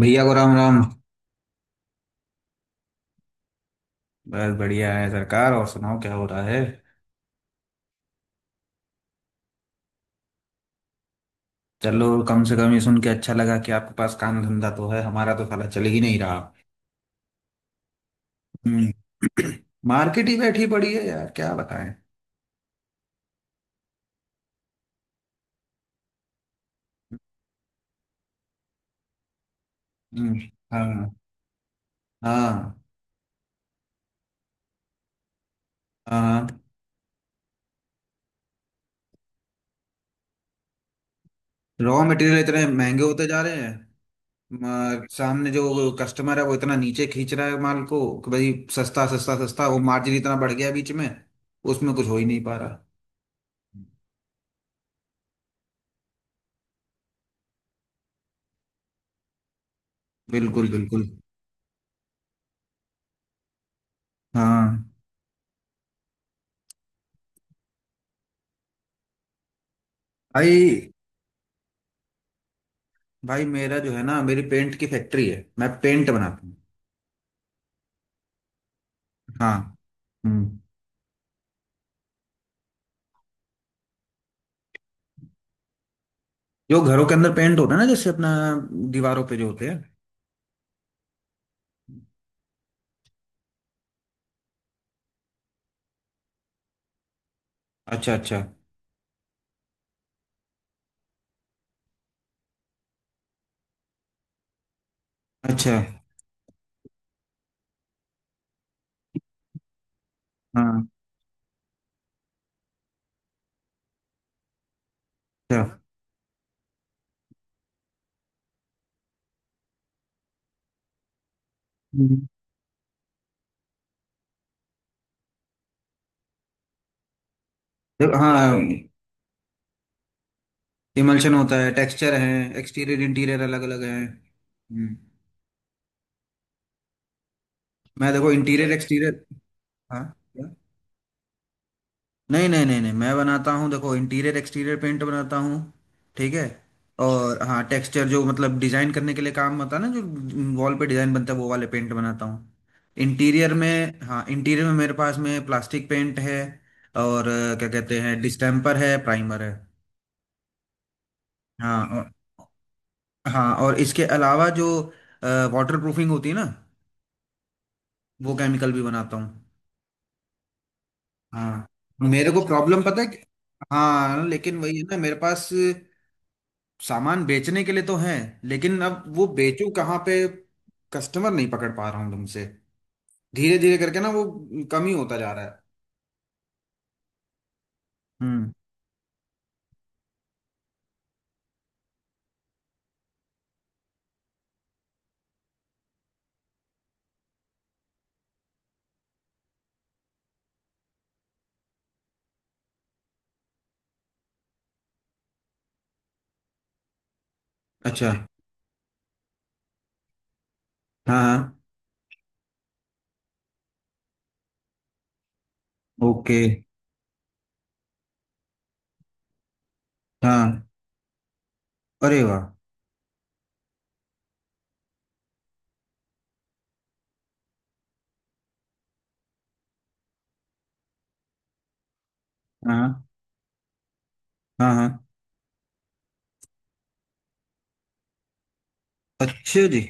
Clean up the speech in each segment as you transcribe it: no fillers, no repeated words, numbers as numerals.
भैया को राम राम। बस बढ़िया है सरकार। और सुनाओ, क्या हो रहा है? चलो, कम से कम ये सुन के अच्छा लगा कि आपके पास काम धंधा तो है। हमारा तो साला चल ही नहीं रहा। हम्म मार्केट ही बैठी पड़ी है यार, क्या बताएं। हम्म। हाँ हाँ। हाँ। रॉ मटेरियल इतने महंगे होते जा रहे हैं। सामने जो कस्टमर है वो इतना नीचे खींच रहा है माल को कि भाई सस्ता सस्ता सस्ता, वो मार्जिन इतना बढ़ गया बीच में। उसमें कुछ हो ही नहीं पा रहा। बिल्कुल बिल्कुल। हाँ। भाई। भाई मेरा जो है ना, मेरी पेंट की फैक्ट्री है, मैं पेंट बनाता हूँ। हाँ। हम्म। जो घरों के अंदर पेंट होता है ना, जैसे अपना दीवारों पे जो होते हैं। अच्छा अच्छा। अच्छा। हाँ। अच्छा। हम्म। देखो, हाँ। इमल्शन होता है, टेक्सचर है। एक्सटीरियर इंटीरियर अलग अलग है। हम्म। मैं, देखो, इंटीरियर एक्सटीरियर। हाँ। नहीं नहीं नहीं नहीं, मैं बनाता हूँ, देखो इंटीरियर एक्सटीरियर पेंट बनाता हूँ। ठीक है। और हाँ, टेक्सचर जो मतलब डिजाइन करने के लिए काम होता है ना, जो वॉल पे डिजाइन बनता है, वो वाले पेंट बनाता हूँ। इंटीरियर में, हाँ, इंटीरियर में मेरे पास में प्लास्टिक पेंट है। और क्या कहते हैं, डिस्टेम्पर है, प्राइमर है। हाँ और, हाँ और इसके अलावा जो वाटर प्रूफिंग होती है ना, वो केमिकल भी बनाता हूँ। हाँ। मेरे को प्रॉब्लम पता है कि- हाँ, लेकिन वही है ना, मेरे पास सामान बेचने के लिए तो है, लेकिन अब वो बेचूं कहाँ पे? कस्टमर नहीं पकड़ पा रहा हूँ तुमसे। धीरे धीरे करके ना, वो कम ही होता जा रहा है। हम्म। अच्छा। हाँ हाँ। ओके। हाँ। अरे वाह। हाँ हाँ हाँ। अच्छा जी।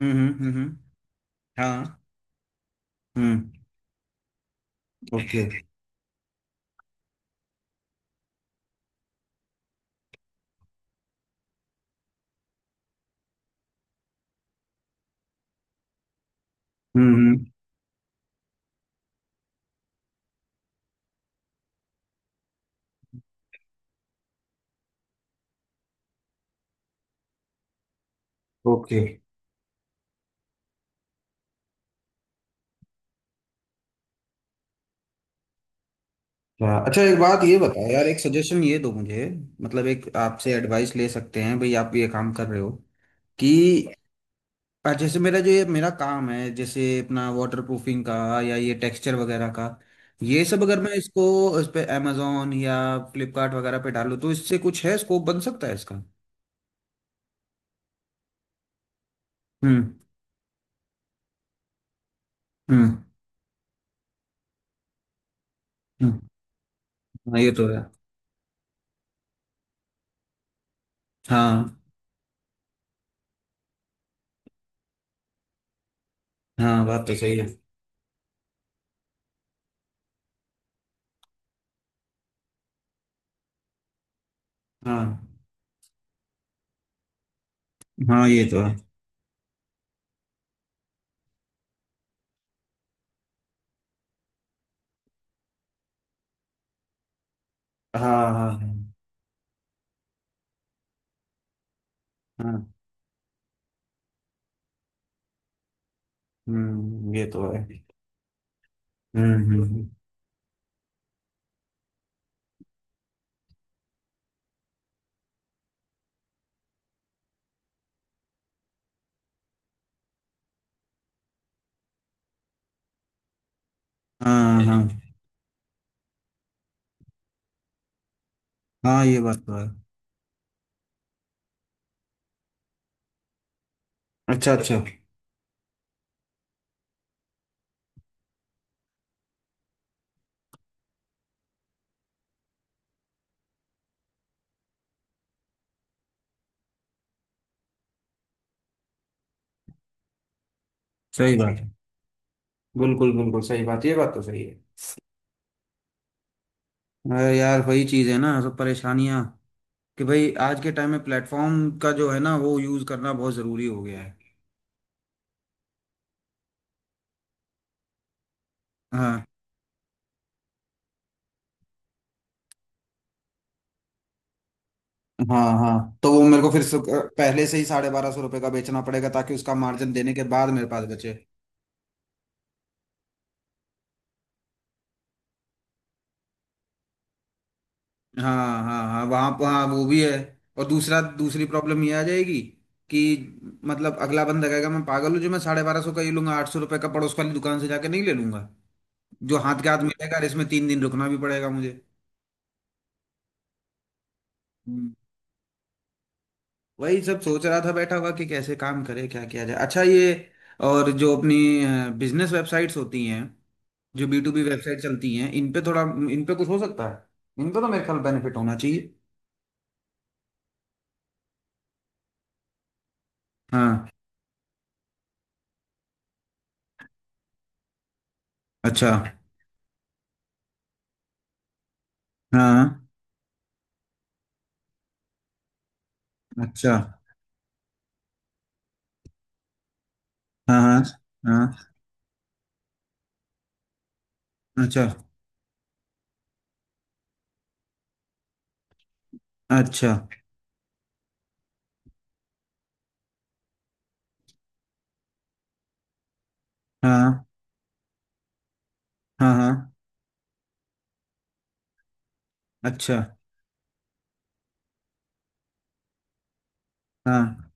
हम्म। हाँ। हम्म। ओके। हम्म। ओके। अच्छा अच्छा, एक बात ये बताओ यार, एक सजेशन ये दो मुझे। मतलब एक आपसे एडवाइस ले सकते हैं भाई, आप ये काम कर रहे हो कि। और जैसे मेरा जो ये मेरा काम है, जैसे अपना वाटर प्रूफिंग का या ये टेक्सचर वगैरह का, ये सब अगर मैं इसको इस पे अमेजोन या फ्लिपकार्ट वगैरह पे डालूं तो इससे कुछ है, स्कोप बन सकता है इसका? हम्म हम्म हम्म। हाँ, ये तो है। हाँ हाँ, बात तो सही है। हाँ हाँ, ये तो है। हाँ हाँ हाँ हाँ। हम्म, ये तो है। हम्म। हाँ हाँ हाँ, ये बात तो है। अच्छा अच्छा। सही बात है। बिल्कुल बिल्कुल सही बात, ये बात तो सही है। अरे यार, वही चीज है ना, सब परेशानियां। कि भाई आज के टाइम में प्लेटफॉर्म का जो है ना, वो यूज करना बहुत जरूरी हो गया है। हाँ हाँ, हाँ तो वो मेरे को फिर सु- पहले से ही 1,250 रुपये का बेचना पड़ेगा ताकि उसका मार्जिन देने के बाद मेरे पास बचे। हाँ हाँ हाँ, वहाँ पर, हाँ वो भी है। और दूसरा, दूसरी प्रॉब्लम ये आ जाएगी कि मतलब अगला बंदा कहेगा मैं पागल हूँ जो मैं 1,250 का ये लूंगा, 800 रुपये का पड़ोस वाली दुकान से जाके नहीं ले लूंगा। जो हाथ के हाथ मिलेगा, और इसमें 3 दिन रुकना भी पड़ेगा। मुझे वही सब सोच रहा था बैठा हुआ कि कैसे काम करे, क्या किया जाए, अच्छा ये। और जो अपनी बिजनेस वेबसाइट्स होती हैं, जो बी टू बी वेबसाइट चलती हैं, इन पे थोड़ा, इन पे कुछ हो सकता है, इन पे तो मेरे ख्याल बेनिफिट होना चाहिए। हाँ। अच्छा। हाँ। अच्छा। हाँ हाँ हाँ। अच्छा अच्छा। हाँ हाँ हाँ। अच्छा। हाँ।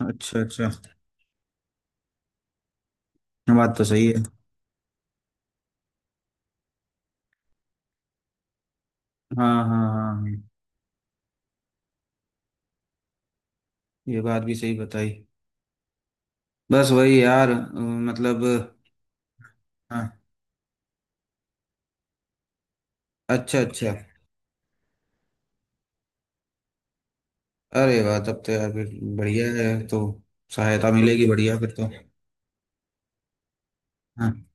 अच्छा अच्छा। हाँ, बात तो सही है। हाँ हाँ हाँ हाँ। ये बात भी सही बताई। बस वही यार, मतलब। हाँ। अच्छा अच्छा। अरे वाह, तब तो यार फिर बढ़िया है तो, सहायता मिलेगी, बढ़िया फिर तो। हाँ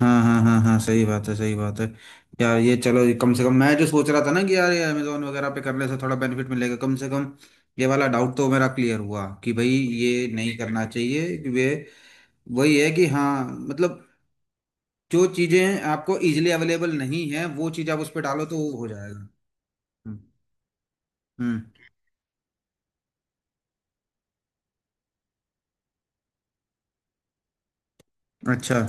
हाँ हाँ हाँ हाँ, सही बात है, सही बात है। यार ये, चलो, ये कम से कम मैं जो सोच रहा था ना कि यार ये अमेजोन वगैरह पे करने से थोड़ा बेनिफिट मिलेगा कम से कम। ये वाला डाउट तो मेरा क्लियर हुआ कि भाई ये नहीं करना चाहिए, कि वे वही है कि हाँ, मतलब जो चीज़ें आपको इजीली अवेलेबल नहीं है, वो चीज़ आप उस पर डालो तो वो हो जाएगा। हम्म हम्म। अच्छा।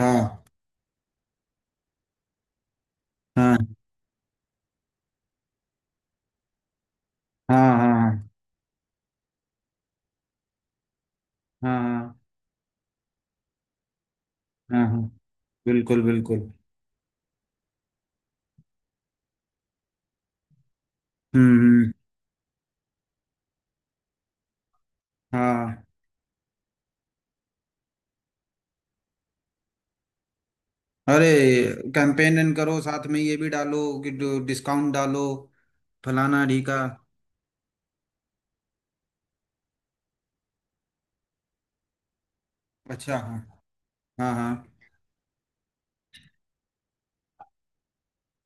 हाँ हाँ हाँ। हाँ हाँ हाँ हाँ हाँ हाँ। बिल्कुल बिल्कुल। हम्म। हाँ। अरे, कैंपेन करो साथ में ये भी डालो कि डिस्काउंट डालो, फलाना ढीका। अच्छा, हाँ। हाँ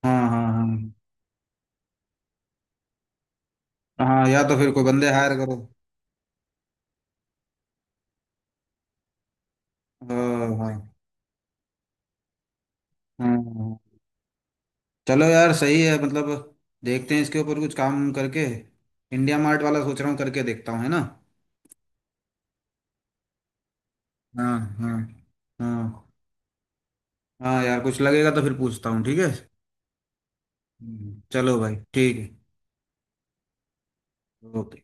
हाँ हाँ। हाँ हाँ हाँ। या तो फिर कोई बंदे हायर करो। हाँ हाँ। हाँ। हाँ। चलो यार, सही है मतलब। देखते हैं इसके ऊपर कुछ काम करके। इंडिया मार्ट वाला सोच रहा हूँ, करके देखता हूँ, है ना? हाँ हाँ। हाँ। हाँ यार कुछ लगेगा तो फिर पूछता हूँ, ठीक है। चलो भाई, ठीक है। ओके।